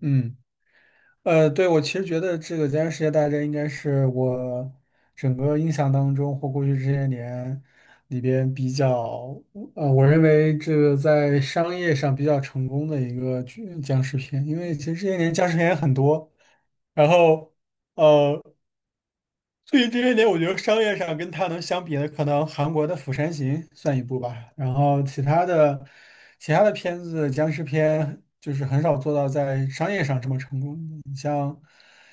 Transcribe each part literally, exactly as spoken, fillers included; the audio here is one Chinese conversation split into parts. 嗯，呃，对，我其实觉得这个《僵尸世界大战》应该是我整个印象当中或过去这些年里边比较，呃，我认为这个在商业上比较成功的一个剧僵尸片，因为其实这些年僵尸片也很多，然后。呃。最近这些年，我觉得商业上跟他能相比的，可能韩国的《釜山行》算一部吧。然后其他的，其他的片子，僵尸片就是很少做到在商业上这么成功的，你像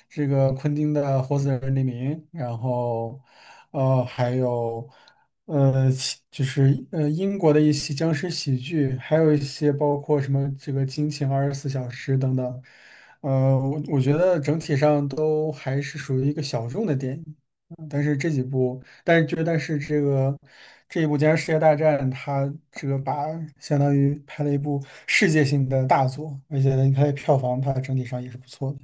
这个昆汀的《活死人黎明》，然后呃，还有呃，其就是呃英国的一些僵尸喜剧，还有一些包括什么这个《惊情二十四小时》等等。呃，我我觉得整体上都还是属于一个小众的电影。嗯但是这几部，但是就但是这个这一部《僵尸世界大战》，它这个把相当于拍了一部世界性的大作，而且呢，看的票房它整体上也是不错的。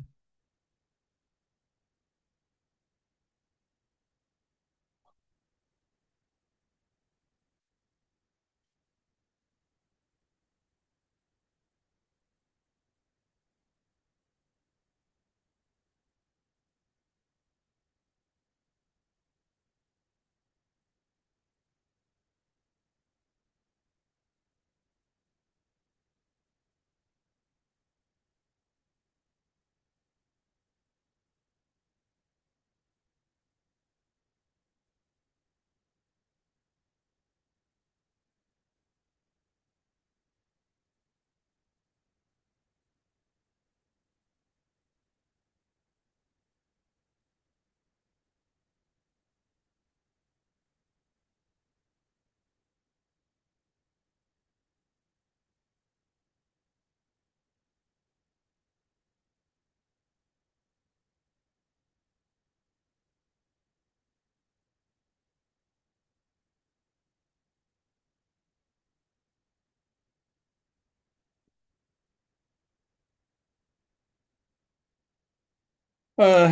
呃，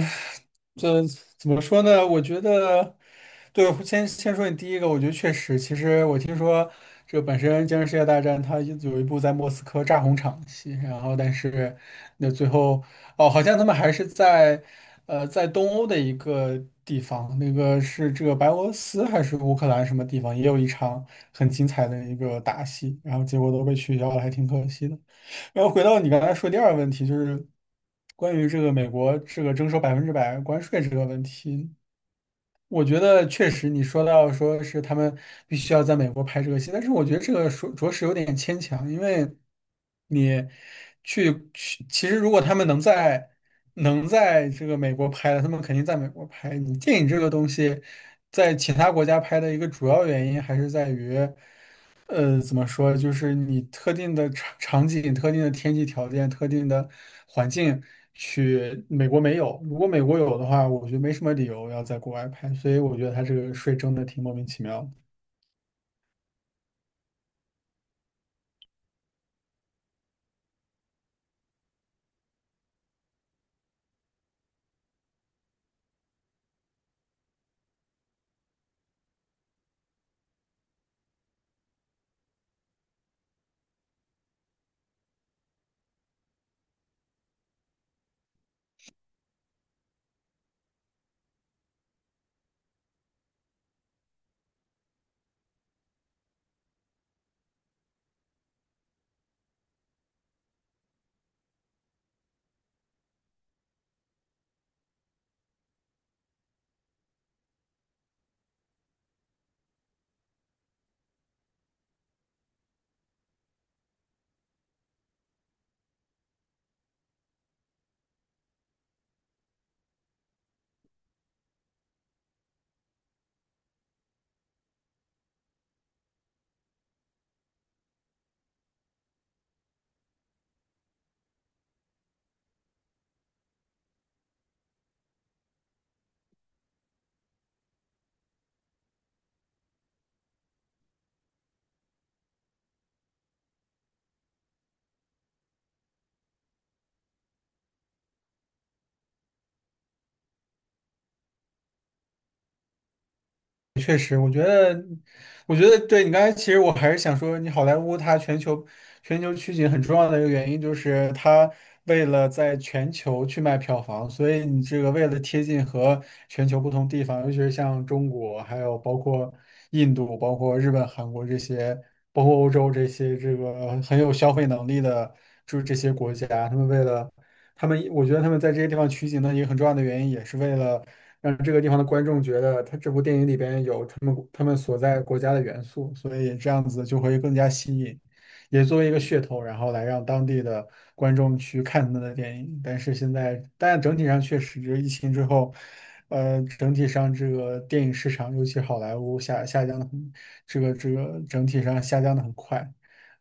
这怎么说呢？我觉得，对，先先说你第一个，我觉得确实，其实我听说这本身《今日世界大战》它有一部在莫斯科炸红场的戏，然后但是那最后哦，好像他们还是在呃在东欧的一个地方，那个是这个白俄罗斯还是乌克兰什么地方，也有一场很精彩的一个打戏，然后结果都被取消了，还挺可惜的。然后回到你刚才说第二个问题，就是关于这个美国这个征收百分之百关税这个问题，我觉得确实你说到说是他们必须要在美国拍这个戏，但是我觉得这个说着实有点牵强，因为你去去，其实如果他们能在能在这个美国拍的，他们肯定在美国拍。你电影这个东西在其他国家拍的一个主要原因还是在于。呃，怎么说？就是你特定的场场景、特定的天气条件、特定的环境去美国没有。如果美国有的话，我觉得没什么理由要在国外拍，所以我觉得他这个税征的挺莫名其妙的。我觉得对你刚才，其实我还是想说，你好莱坞它全球全球取景很重要的一个原因，就是它为了在全球去卖票房，所以你这个为了贴近和全球不同地方，尤其是像中国，还有包括印度、包括日本、韩国这些，包括欧洲这些这个很有消费能力的，就是这些国家，他们为了他们，我觉得他们在这些地方取景的一个很重要的原因，也是为了。让这个地方的观众觉得他这部电影里边有他们他们所在国家的元素，所以这样子就会更加吸引，也作为一个噱头，然后来让当地的观众去看他们的电影。但是现在，但整体上确实，这个疫情之后，呃，整体上这个电影市场，尤其好莱坞下下降的很，这个这个整体上下降的很快。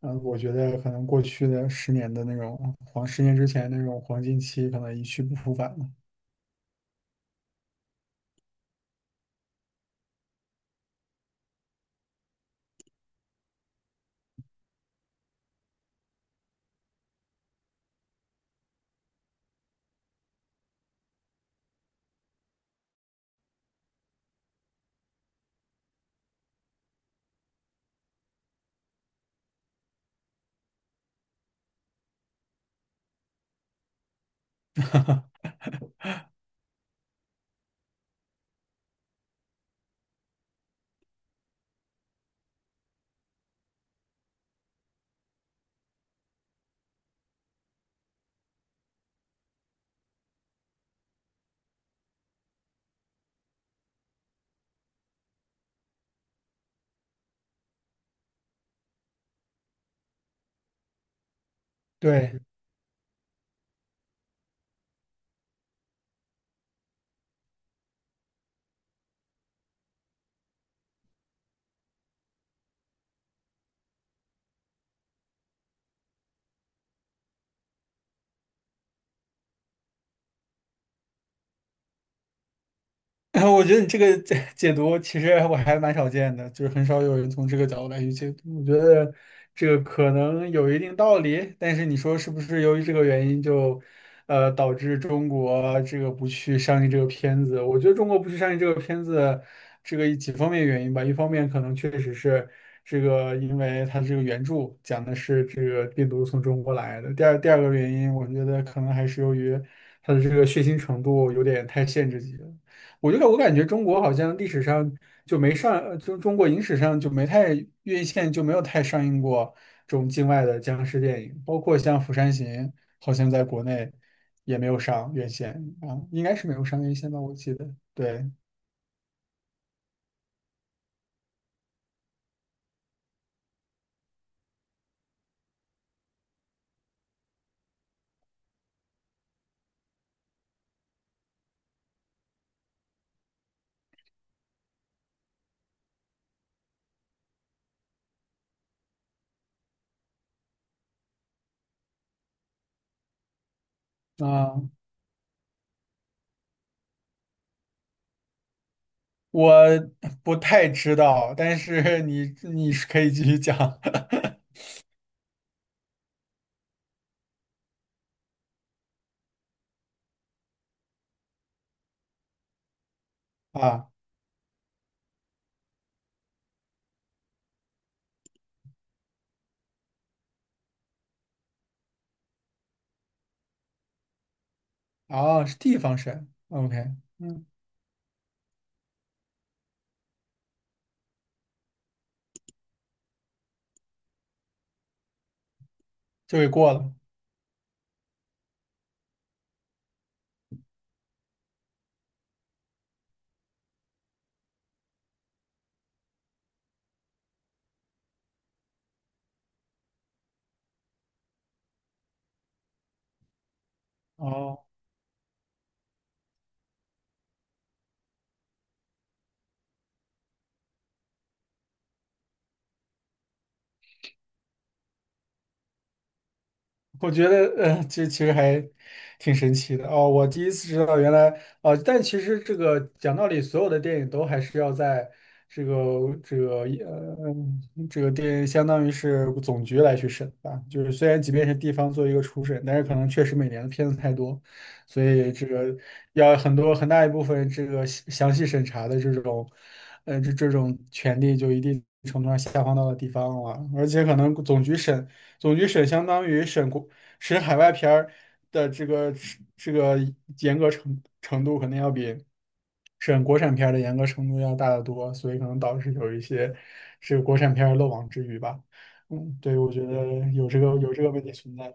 嗯，呃我觉得可能过去的十年的那种黄，十年之前那种黄金期，可能一去不复返了。对，我觉得你这个解解读其实我还蛮少见的，就是很少有人从这个角度来去解读。我觉得这个可能有一定道理，但是你说是不是由于这个原因就，呃，导致中国这个不去上映这个片子？我觉得中国不去上映这个片子，这个几方面原因吧。一方面可能确实是这个，因为它这个原著讲的是这个病毒从中国来的。第二第二个原因，我觉得可能还是由于它的这个血腥程度有点太限制级了。我觉得我感觉中国好像历史上就没上，呃就中国影史上就没太院线就没有太上映过这种境外的僵尸电影，包括像《釜山行》，好像在国内也没有上院线啊，应该是没有上院线吧，我记得。对，啊，我不太知道，但是你你是可以继续讲 啊，哦，是地方神，OK，嗯，就给过了。哦。我觉得，呃，这其实还挺神奇的哦。我第一次知道，原来哦，但其实这个讲道理，所有的电影都还是要在这个这个呃这个电，相当于是总局来去审吧。就是虽然即便是地方做一个初审，但是可能确实每年的片子太多，所以这个要很多很大一部分这个详详细审查的这种，呃，这这种权利就一定程度上下放到了地方了，而且可能总局审。总局审相当于审国使海外片儿的这个这个严格程程度肯定要比审国产片儿的严格程度要大得多，所以可能导致有一些这个国产片儿漏网之鱼吧。嗯，对，我觉得有这个有这个问题存在。